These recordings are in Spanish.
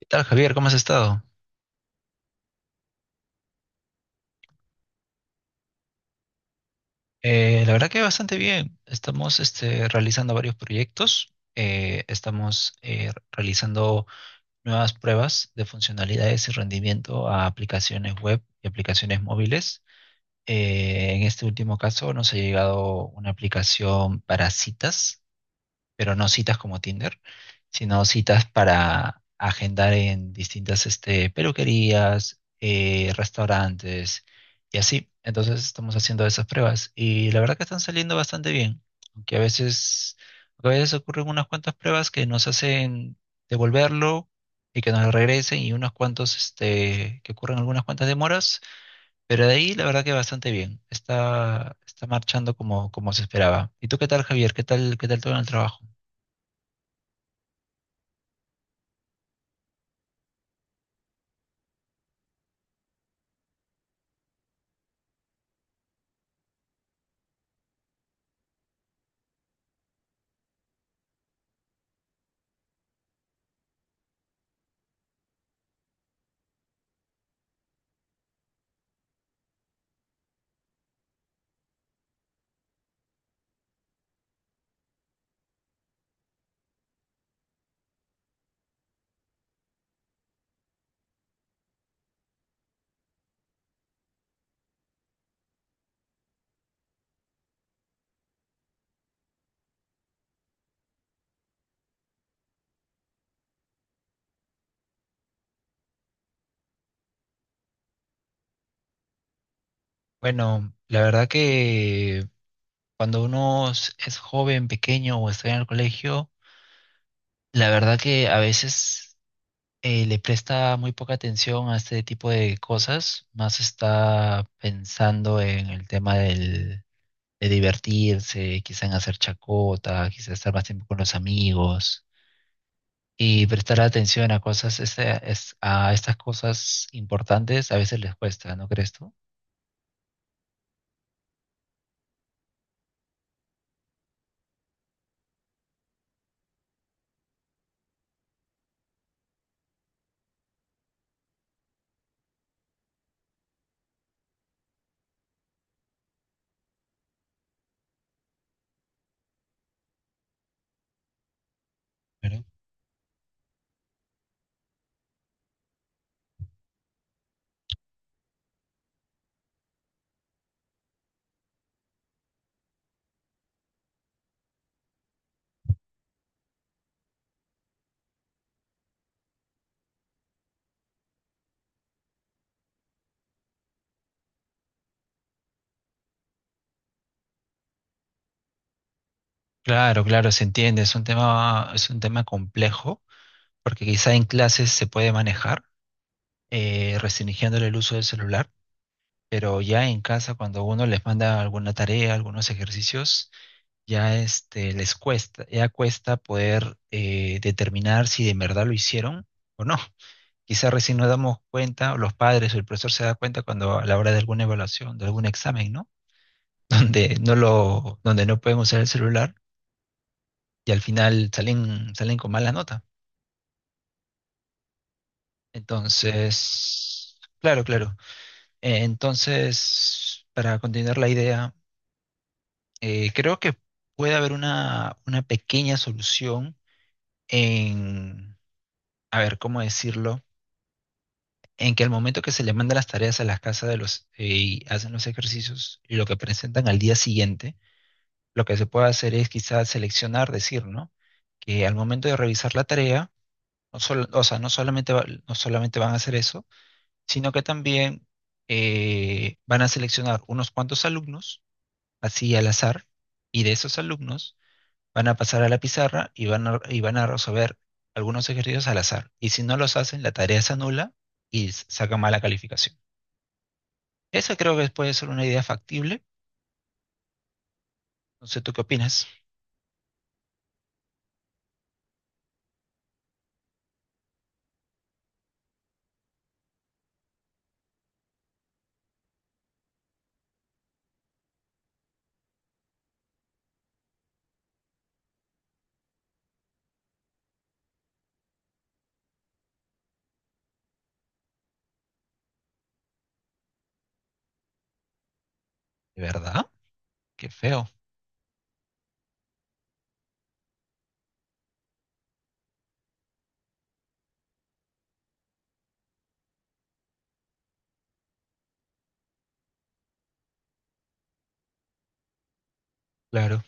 ¿Qué tal, Javier? ¿Cómo has estado? La verdad que bastante bien. Estamos realizando varios proyectos. Estamos realizando nuevas pruebas de funcionalidades y rendimiento a aplicaciones web y aplicaciones móviles. En este último caso nos ha llegado una aplicación para citas, pero no citas como Tinder, sino citas para agendar en distintas peluquerías, restaurantes y así. Entonces estamos haciendo esas pruebas y la verdad que están saliendo bastante bien, aunque a veces ocurren unas cuantas pruebas que nos hacen devolverlo y que nos lo regresen, y unos cuantos que ocurren algunas cuantas demoras, pero de ahí la verdad que bastante bien. Está marchando como se esperaba. ¿Y tú qué tal, Javier? ¿Qué tal todo en el trabajo? Bueno, la verdad que cuando uno es joven, pequeño o está en el colegio, la verdad que a veces le presta muy poca atención a este tipo de cosas, más está pensando en el tema de divertirse, quizá en hacer chacota, quizá estar más tiempo con los amigos, y prestar atención a estas cosas importantes a veces les cuesta, ¿no crees tú? Claro, claro, se entiende. Es un tema complejo, porque quizá en clases se puede manejar, restringiéndole el uso del celular, pero ya en casa, cuando uno les manda alguna tarea, algunos ejercicios, ya les cuesta, ya cuesta poder determinar si de verdad lo hicieron o no. Quizá recién nos damos cuenta, o los padres o el profesor se da cuenta cuando a la hora de alguna evaluación, de algún examen, ¿no? Donde no pueden usar el celular y al final salen con mala nota. Entonces, claro, claro. Entonces, para continuar la idea, creo que puede haber una pequeña solución en, a ver, ¿cómo decirlo? En que al momento que se le mandan las tareas a las casas de los y hacen los ejercicios y lo que presentan al día siguiente, lo que se puede hacer es quizás seleccionar, decir, ¿no? Que al momento de revisar la tarea, no solamente, no solamente van a hacer eso, sino que también van a seleccionar unos cuantos alumnos, así al azar, y de esos alumnos van a pasar a la pizarra y y van a resolver algunos ejercicios al azar. Y si no los hacen, la tarea se anula y sacan mala calificación. Esa creo que puede ser una idea factible. No sé, ¿tú qué opinas? ¿De verdad? Qué feo. Claro.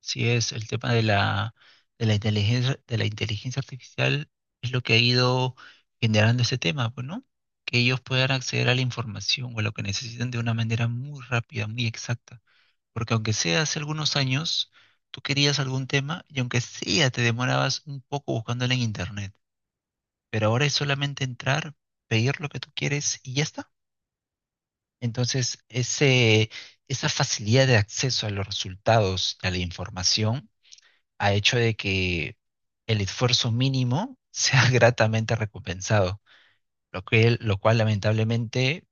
Sí, es el tema de la inteligencia artificial es lo que ha ido generando ese tema, pues, ¿no? Que ellos puedan acceder a la información o a lo que necesitan de una manera muy rápida, muy exacta. Porque aunque sea hace algunos años, tú querías algún tema y aunque sea te demorabas un poco buscándolo en internet. Pero ahora es solamente entrar, pedir lo que tú quieres y ya está. Entonces, ese, Esa facilidad de acceso a los resultados, a la información a hecho de que el esfuerzo mínimo sea gratamente recompensado, lo cual lamentablemente,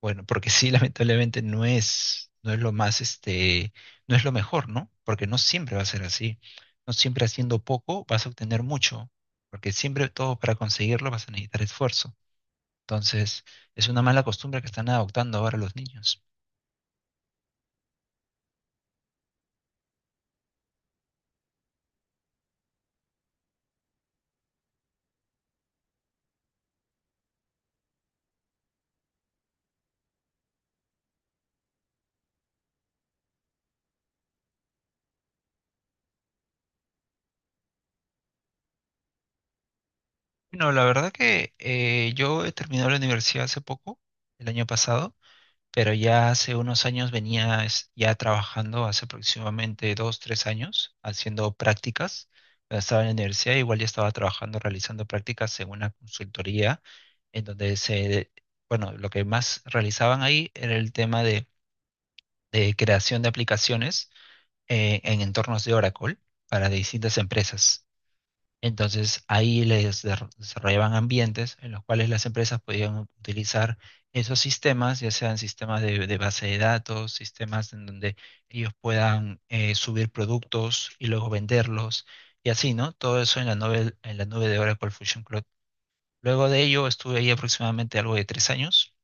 bueno, porque sí, lamentablemente no es lo no es lo mejor, ¿no? Porque no siempre va a ser así. No siempre haciendo poco vas a obtener mucho, porque siempre todo para conseguirlo vas a necesitar esfuerzo. Entonces, es una mala costumbre que están adoptando ahora los niños. No, la verdad que yo he terminado la universidad hace poco, el año pasado, pero ya hace unos años venía ya trabajando, hace aproximadamente dos, tres años, haciendo prácticas. Cuando estaba en la universidad, igual ya estaba trabajando, realizando prácticas en una consultoría, en donde se, bueno, lo que más realizaban ahí era el tema de creación de aplicaciones en entornos de Oracle para distintas empresas. Entonces ahí desarrollaban ambientes en los cuales las empresas podían utilizar esos sistemas, ya sean sistemas de base de datos, sistemas en donde ellos puedan subir productos y luego venderlos y así, ¿no? Todo eso en la nube de Oracle Fusion Cloud. Luego de ello estuve ahí aproximadamente algo de tres años,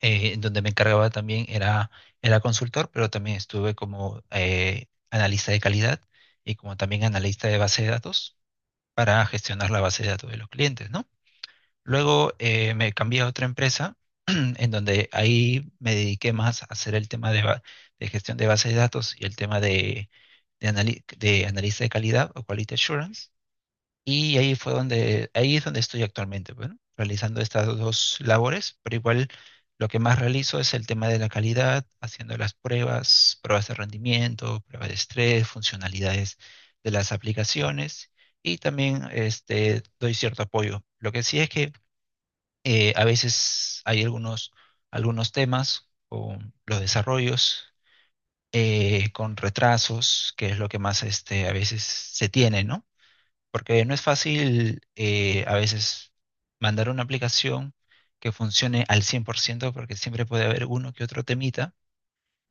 en donde me encargaba también, era consultor, pero también estuve como analista de calidad, y como también analista de base de datos para gestionar la base de datos de los clientes, ¿no? Luego me cambié a otra empresa en donde ahí me dediqué más a hacer el tema de gestión de base de datos y el tema de analista de calidad o quality assurance. Y ahí es donde estoy actualmente, bueno, realizando estas dos labores, pero igual lo que más realizo es el tema de la calidad, haciendo las pruebas, pruebas de rendimiento, pruebas de estrés, funcionalidades de las aplicaciones, y también doy cierto apoyo. Lo que sí es que a veces hay algunos temas con los desarrollos, con retrasos, que es lo que más a veces se tiene, ¿no? Porque no es fácil a veces mandar una aplicación que funcione al cien por ciento, porque siempre puede haber uno que otro temita,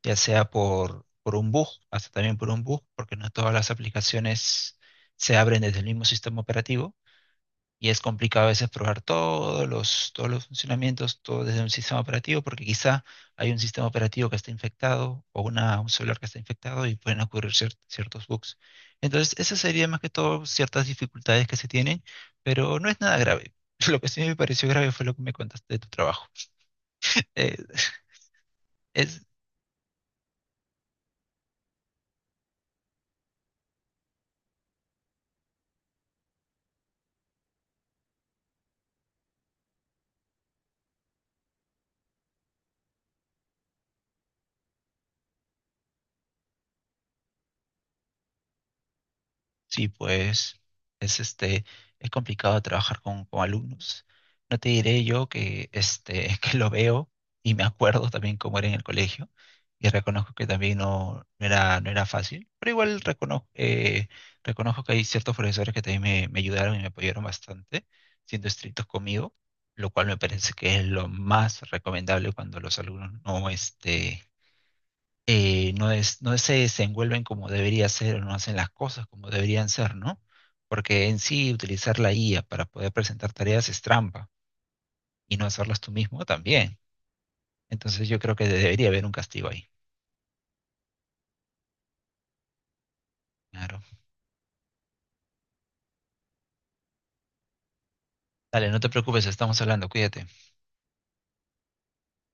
ya sea por un bug, hasta también por un bug, porque no todas las aplicaciones se abren desde el mismo sistema operativo. Y es complicado a veces probar todos todos los funcionamientos, todo desde un sistema operativo, porque quizá hay un sistema operativo que está infectado o un celular que está infectado, y pueden ocurrir ciertos bugs. Entonces, esas serían más que todo ciertas dificultades que se tienen, pero no es nada grave. Lo que sí me pareció grave fue lo que me contaste de tu trabajo. Eh, es, Sí, pues es este es complicado trabajar con alumnos. No te diré yo que que lo veo y me acuerdo también cómo era en el colegio y reconozco que también no era fácil, pero igual reconozco que hay ciertos profesores que también me ayudaron y me apoyaron bastante, siendo estrictos conmigo, lo cual me parece que es lo más recomendable cuando los alumnos no se desenvuelven como debería ser o no hacen las cosas como deberían ser, ¿no? Porque en sí utilizar la IA para poder presentar tareas es trampa, y no hacerlas tú mismo también. Entonces yo creo que debería haber un castigo ahí. Claro. Dale, no te preocupes, estamos hablando, cuídate.